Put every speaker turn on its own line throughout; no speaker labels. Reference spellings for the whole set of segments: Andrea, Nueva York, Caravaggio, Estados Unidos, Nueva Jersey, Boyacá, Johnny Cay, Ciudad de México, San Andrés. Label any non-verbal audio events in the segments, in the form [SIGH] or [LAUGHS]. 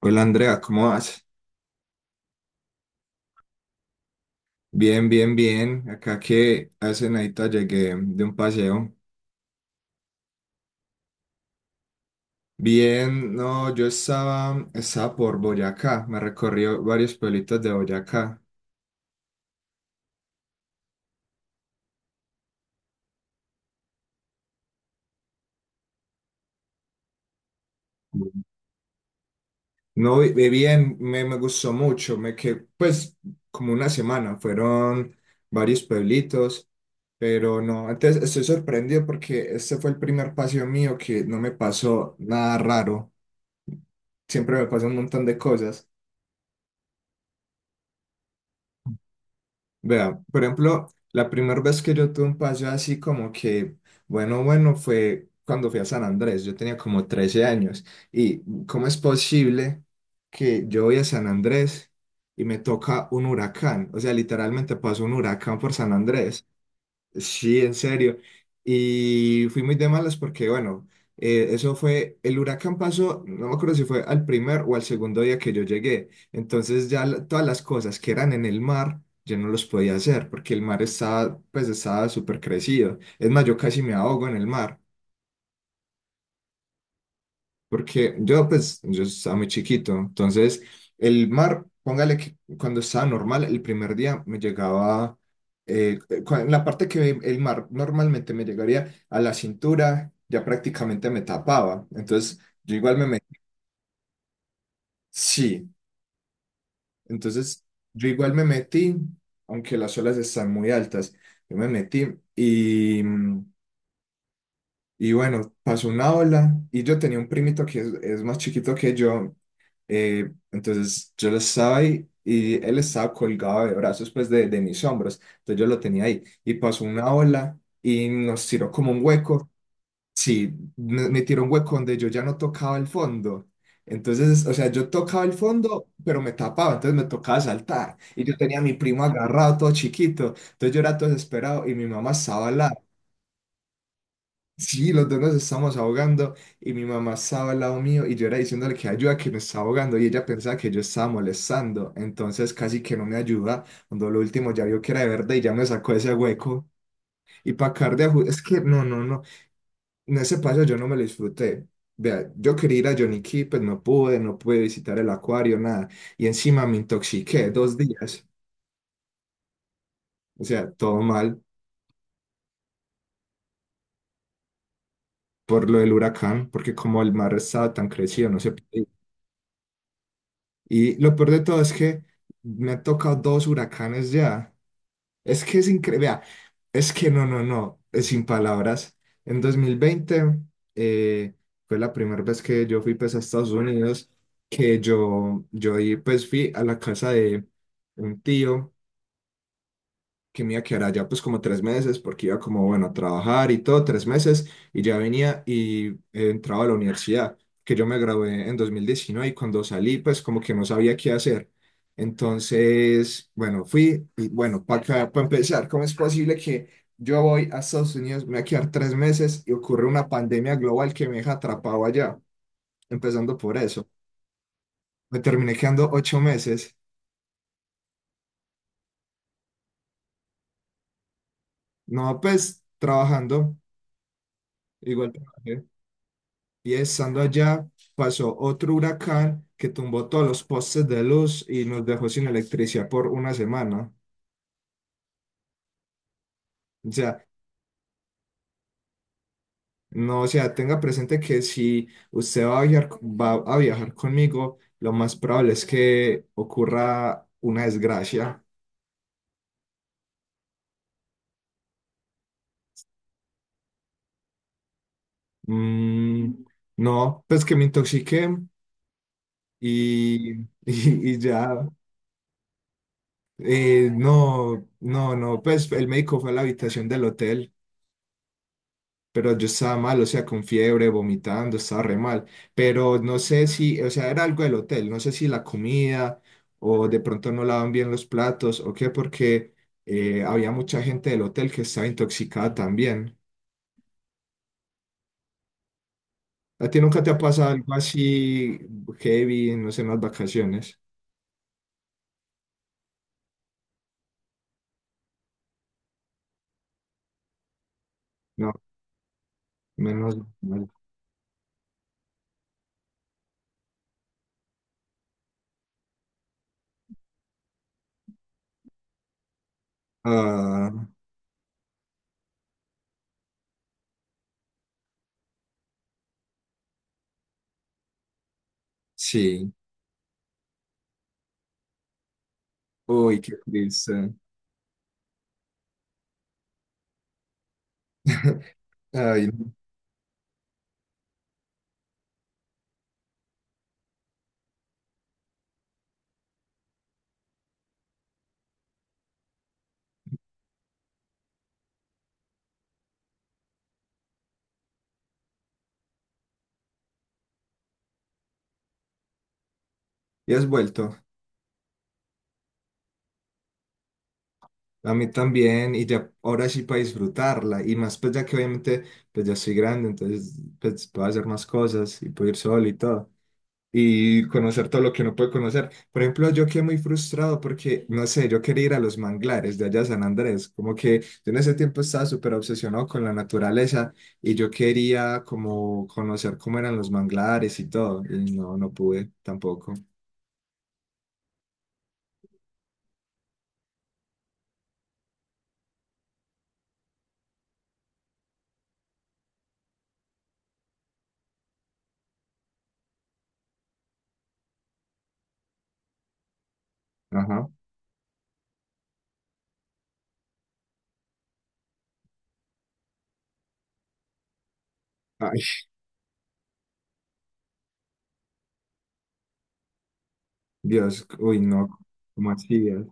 Hola Andrea, ¿cómo vas? Bien, bien, bien. Acá que hace nadita llegué de un paseo. Bien, no, yo estaba por Boyacá, me recorrí varios pueblitos de Boyacá. No, vi bien, me gustó mucho, me quedé pues como una semana, fueron varios pueblitos, pero no, antes estoy sorprendido porque este fue el primer paseo mío que no me pasó nada raro, siempre me pasan un montón de cosas. Vea, por ejemplo, la primera vez que yo tuve un paseo así como que, bueno, bueno, fue cuando fui a San Andrés, yo tenía como 13 años. ¿Y cómo es posible que yo voy a San Andrés y me toca un huracán? O sea, literalmente pasó un huracán por San Andrés. Sí, en serio. Y fui muy de malas porque, bueno, eso fue, el huracán pasó, no me acuerdo si fue al primer o al segundo día que yo llegué. Entonces ya todas las cosas que eran en el mar, yo no los podía hacer porque el mar estaba, pues estaba súper crecido. Es más, yo casi me ahogo en el mar. Porque yo, pues, yo estaba muy chiquito. Entonces, el mar, póngale que cuando estaba normal, el primer día me llegaba, eh, en la parte que el mar normalmente me llegaría a la cintura, ya prácticamente me tapaba. Entonces, yo igual me metí. Sí, entonces, yo igual me metí, aunque las olas están muy altas, yo me metí y, y bueno, pasó una ola y yo tenía un primito que es más chiquito que yo. Entonces yo lo estaba ahí y él estaba colgado de brazos, pues de mis hombros. Entonces yo lo tenía ahí y pasó una ola y nos tiró como un hueco. Sí, me tiró un hueco donde yo ya no tocaba el fondo. Entonces, o sea, yo tocaba el fondo, pero me tapaba, entonces me tocaba saltar. Y yo tenía a mi primo agarrado, todo chiquito. Entonces yo era todo desesperado y mi mamá estaba al lado. Sí, los dos nos estamos ahogando y mi mamá estaba al lado mío y yo era diciéndole que ayuda, que me estaba ahogando y ella pensaba que yo estaba molestando, entonces casi que no me ayuda, cuando lo último ya vio que era de verdad y ya me sacó ese hueco y para acabar de es que no, no, no, en ese paso yo no me lo disfruté, vea, yo quería ir a Johnny Cay, pues no pude, no pude visitar el acuario, nada, y encima me intoxiqué 2 días, o sea, todo mal por lo del huracán, porque como el mar estaba tan crecido, no se podía. Y lo peor de todo es que me han tocado dos huracanes ya. Es que es increíble. Es que no, no, no, es sin palabras. En 2020 eh, fue la primera vez que yo fui pues, a Estados Unidos, que yo ahí, pues, fui a la casa de un tío que me iba a quedar allá pues como 3 meses, porque iba como, bueno, a trabajar y todo, 3 meses, y ya venía y entraba a la universidad, que yo me gradué en 2019 y cuando salí pues como que no sabía qué hacer. Entonces, bueno, fui y bueno, para empezar, ¿cómo es posible que yo voy a Estados Unidos, me voy a quedar 3 meses y ocurre una pandemia global que me deja atrapado allá? Empezando por eso. Me terminé quedando 8 meses, no pues trabajando, igual. Trabajé. Y estando allá, pasó otro huracán que tumbó todos los postes de luz y nos dejó sin electricidad por una semana. O sea, no, o sea, tenga presente que si usted va a viajar conmigo, lo más probable es que ocurra una desgracia. Mm, no, pues que me intoxiqué y, [LAUGHS] y ya. No, no, no, pues el médico fue a la habitación del hotel. Pero yo estaba mal, o sea, con fiebre, vomitando, estaba re mal. Pero no sé si, o sea, era algo del hotel, no sé si la comida o de pronto no lavan bien los platos o qué, porque había mucha gente del hotel que estaba intoxicada también. ¿A ti nunca te ha pasado algo así heavy, no sé, en las vacaciones? No, menos mal. Ah, sí. Uy, qué triste. [LAUGHS] Ay, no. ¿Y has vuelto? A mí también, y ya ahora sí para disfrutarla, y más pues ya que obviamente pues ya soy grande, entonces pues puedo hacer más cosas y puedo ir solo y todo, y conocer todo lo que no puede conocer. Por ejemplo, yo quedé muy frustrado porque, no sé, yo quería ir a los manglares de allá a San Andrés, como que yo en ese tiempo estaba súper obsesionado con la naturaleza y yo quería como conocer cómo eran los manglares y todo, y no, no pude tampoco. Ajá. Ay, Dios, uy, no, ¿cómo así? ¿Dios?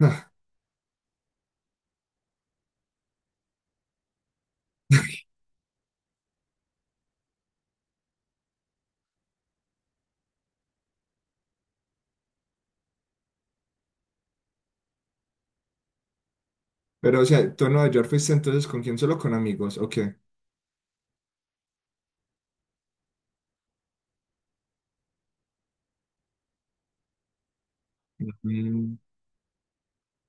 [LAUGHS] Pero, o sea, ¿tú en Nueva York fuiste entonces con quién? ¿Solo con amigos? ¿O qué? Mm,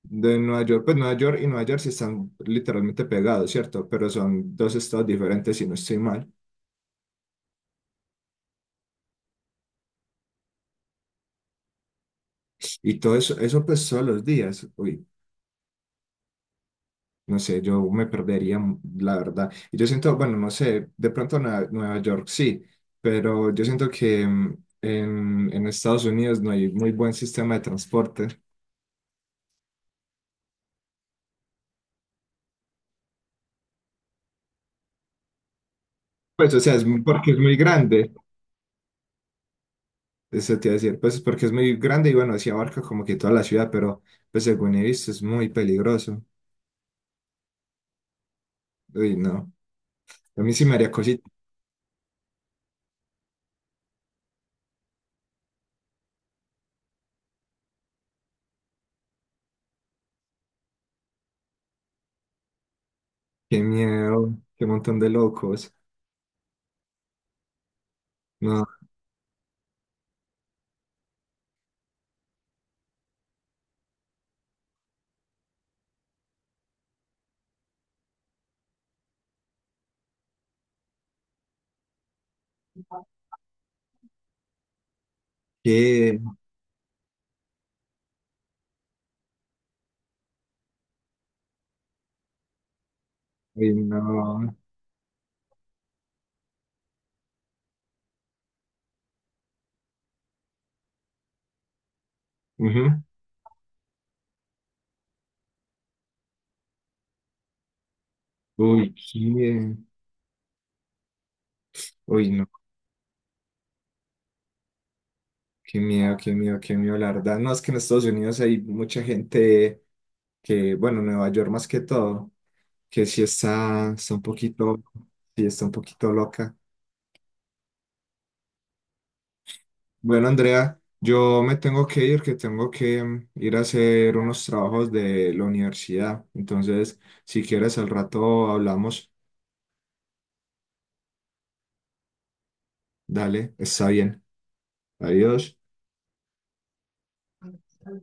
De Nueva York, pues Nueva York y Nueva Jersey están literalmente pegados, ¿cierto? Pero son dos estados diferentes, si no estoy mal. Y todo eso, eso pues todos los días. Uy, no sé, yo me perdería, la verdad. Y yo siento, bueno, no sé, de pronto Nueva York sí, pero yo siento que en Estados Unidos no hay muy buen sistema de transporte. Pues, o sea, porque es muy grande. Eso te iba a decir, pues porque es muy grande y bueno, sí abarca como que toda la ciudad, pero pues según he visto es muy peligroso. Uy, no. A mí sí me haría cosita. Qué miedo, qué montón de locos. No, qué. Uy, no. Ujú. Uy, qué. Uy, no. Qué miedo, qué miedo, qué miedo, la verdad. No, es que en Estados Unidos hay mucha gente que, bueno, Nueva York más que todo, que sí está un poquito, sí está un poquito loca. Bueno, Andrea, yo me tengo que ir, que tengo que ir a hacer unos trabajos de la universidad. Entonces, si quieres, al rato hablamos. Dale, está bien. Adiós.